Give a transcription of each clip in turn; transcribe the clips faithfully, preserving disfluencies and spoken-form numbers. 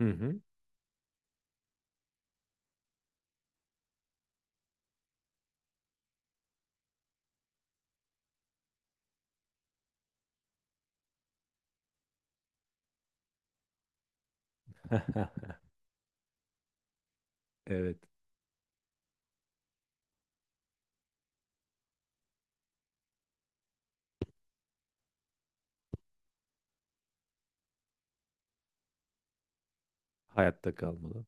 Hı hı. Evet. Hayatta kalmalı.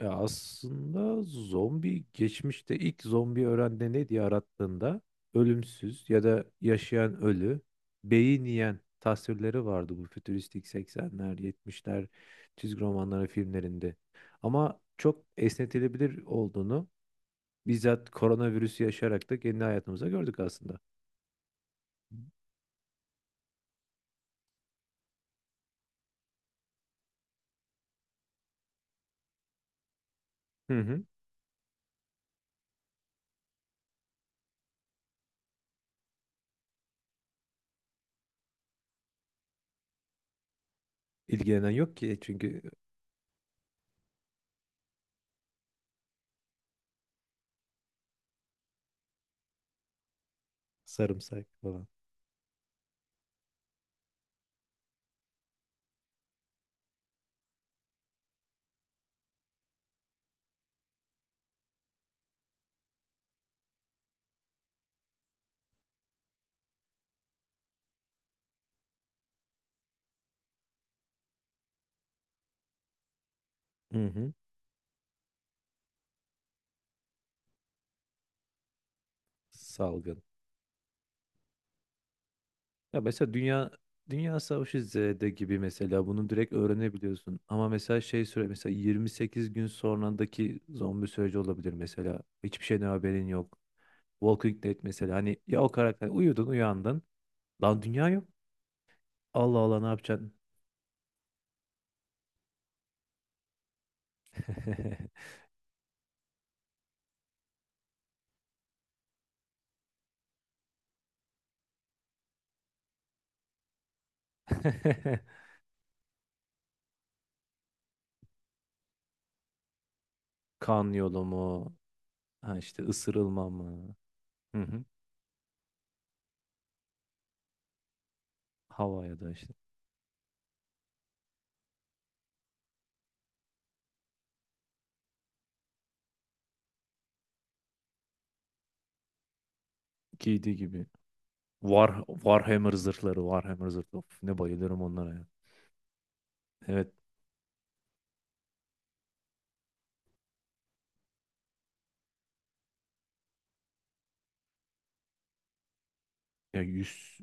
E aslında zombi geçmişte ilk zombi öğrende ne diye arattığında ölümsüz ya da yaşayan ölü, beyin yiyen tasvirleri vardı bu fütüristik seksenler, yetmişler çizgi romanları filmlerinde. Ama çok esnetilebilir olduğunu bizzat koronavirüsü yaşayarak da kendi hayatımıza gördük aslında. Hı hı. İlgilenen yok ki çünkü sarımsak falan. Hı hı. Salgın. Ya mesela Dünya Dünya Savaşı Z'de gibi mesela bunu direkt öğrenebiliyorsun. Ama mesela şey süre mesela yirmi sekiz gün sonrandaki zombi süreci olabilir mesela. Hiçbir şeyden haberin yok. Walking Dead mesela, hani ya o karakter, uyudun uyandın. Lan dünya yok. Allah Allah, ne yapacaksın? Kan yolu mu? Ha işte ısırılma mı? Hı hı. Hava ya da işte giydiği gibi. War, Warhammer zırhları, Warhammer zırhları. Of, ne bayılırım onlara ya. Evet. Ya yüz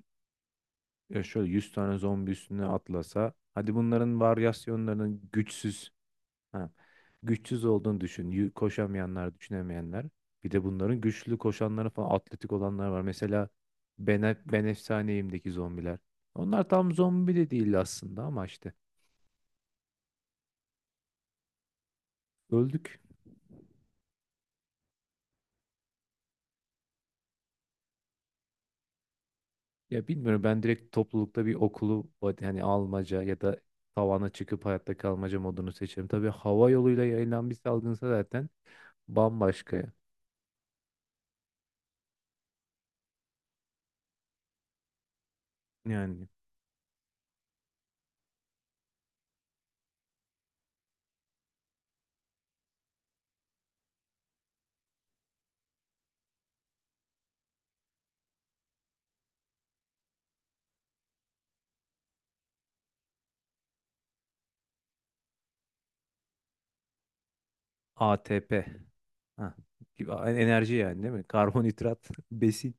Ya şöyle yüz tane zombi üstüne atlasa. Hadi bunların varyasyonlarının güçsüz. Ha, güçsüz olduğunu düşün. Yü- Koşamayanlar, düşünemeyenler. Bir de bunların güçlü koşanları falan atletik olanlar var. Mesela Ben, ben Efsaneyim'deki zombiler. Onlar tam zombi de değil aslında, ama işte öldük. Ya bilmiyorum, ben direkt toplulukta bir okulu hani almaca ya da tavana çıkıp hayatta kalmaca modunu seçerim. Tabii hava yoluyla yayılan bir salgınsa zaten bambaşka. Yani A T P. Ha, gibi enerji yani değil mi? Karbonhidrat, besin.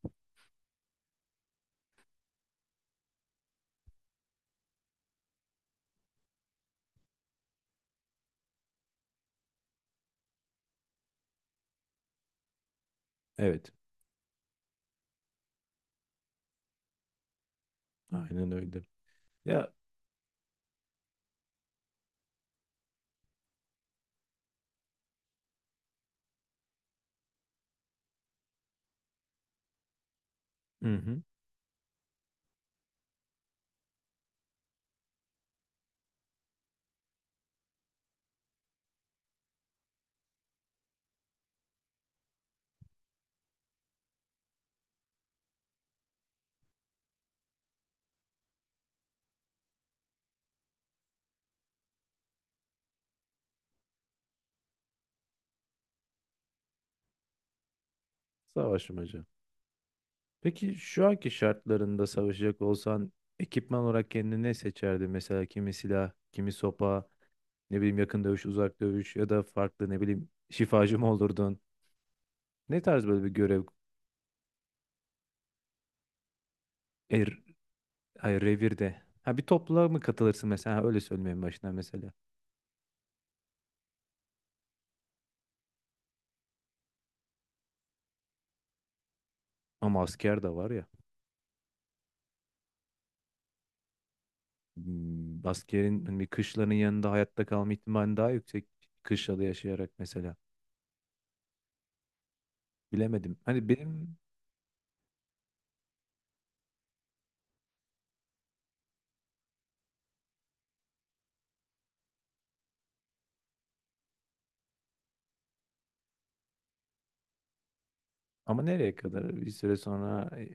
Evet, aynen öyle. Ya. Hı hı. Savaşmaca. Peki şu anki şartlarında savaşacak olsan ekipman olarak kendine ne seçerdin? Mesela kimi silah, kimi sopa, ne bileyim yakın dövüş, uzak dövüş ya da farklı, ne bileyim, şifacı mı olurdun? Ne tarz böyle bir görev, er, hayır revirde? Ha, bir topluluğa mı katılırsın mesela? Ha, öyle söylemeyeyim başına mesela. Ama asker de var ya. Hmm, askerin hani bir kışlanın yanında hayatta kalma ihtimali daha yüksek, kışlada yaşayarak mesela. Bilemedim. Hani benim ama nereye kadar? Bir süre sonra e,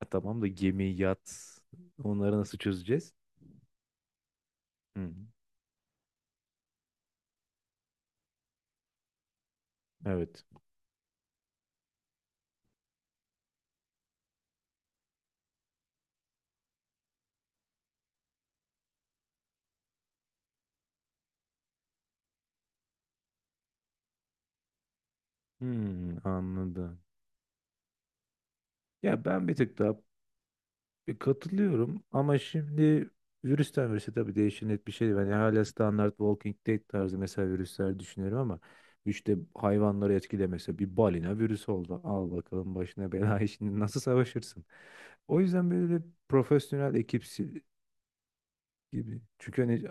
ha tamam da gemi, yat onları nasıl çözeceğiz? Hmm, evet. Hmm, anladım. Ya ben bir tık daha bir katılıyorum ama şimdi virüsten virüse tabii değişen net bir şey değil. Yani hala standart Walking Dead tarzı mesela virüsler düşünüyorum ama işte hayvanları etkilemese, bir balina virüs oldu. Al bakalım başına bela şimdi nasıl savaşırsın? O yüzden böyle profesyonel ekipsi gibi. Çünkü hani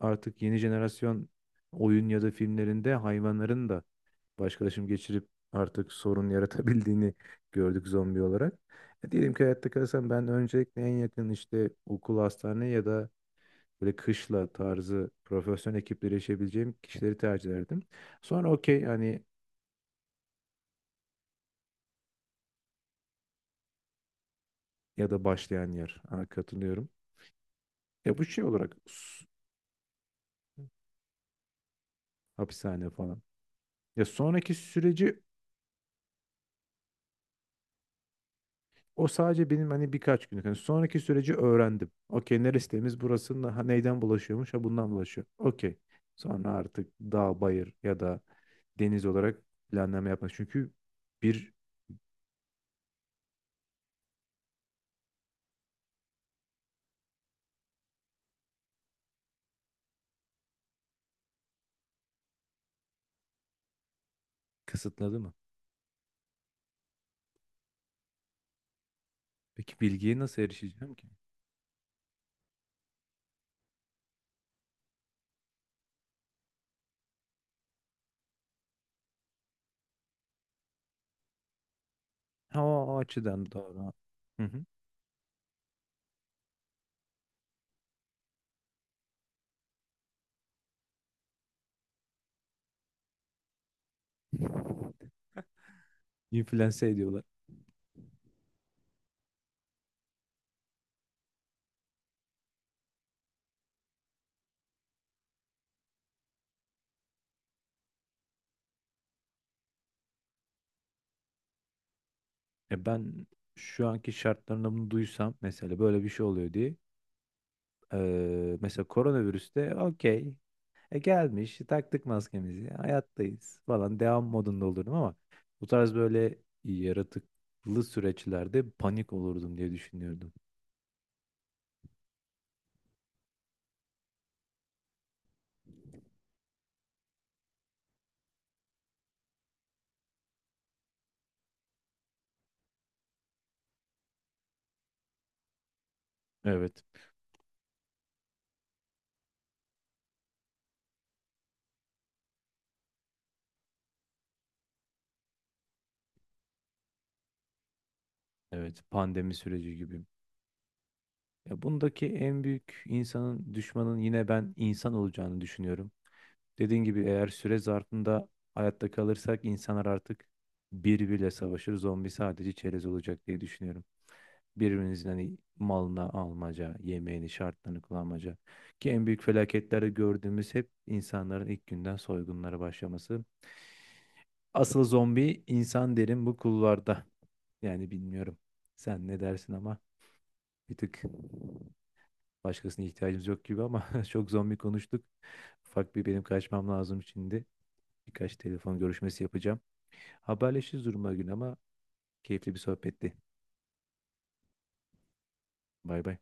artık yeni jenerasyon oyun ya da filmlerinde hayvanların da başkalaşım geçirip artık sorun yaratabildiğini gördük zombi olarak. E, diyelim ki hayatta kalsam, ben öncelikle en yakın işte okul, hastane ya da böyle kışla tarzı profesyonel ekiplere erişebileceğim kişileri tercih ederdim. Sonra okey hani ya da başlayan yer. Ha, katılıyorum. Ya bu şey olarak s- hapishane falan. Ya sonraki süreci. O sadece benim hani birkaç günlük. Hani sonraki süreci öğrendim. Okey, neresi temiz burasının, ha, neyden bulaşıyormuş, ha, bundan bulaşıyor. Okey. Sonra artık dağ, bayır ya da deniz olarak planlama yapmak. Çünkü bir kısıtladı mı? Peki bilgiye nasıl erişeceğim ki? Ha, o açıdan doğru. Hı hı. İnfluense ediyorlar. E ben şu anki şartlarında bunu duysam mesela böyle bir şey oluyor diye Ee, mesela koronavirüste okey. E, gelmiş, taktık maskemizi, hayattayız falan devam modunda olurdum ama bu tarz böyle yaratıklı süreçlerde panik olurdum diye düşünüyordum. Evet, evet pandemi süreci gibi. Ya bundaki en büyük insanın düşmanın yine ben insan olacağını düşünüyorum. Dediğin gibi eğer süre zarfında hayatta kalırsak insanlar artık birbiriyle savaşır, zombi sadece çerez olacak diye düşünüyorum. Birbirinizin hani malına almaca, yemeğini, şartlarını kullanmaca. Ki en büyük felaketlerde gördüğümüz hep insanların ilk günden soygunlara başlaması. Asıl zombi insan derim bu kulvarda. Yani bilmiyorum. Sen ne dersin ama bir tık başkasına ihtiyacımız yok gibi, ama çok zombi konuştuk. Ufak bir benim kaçmam lazım şimdi. Birkaç telefon görüşmesi yapacağım. Haberleşiriz duruma gün ama, keyifli bir sohbetti. Bay bay.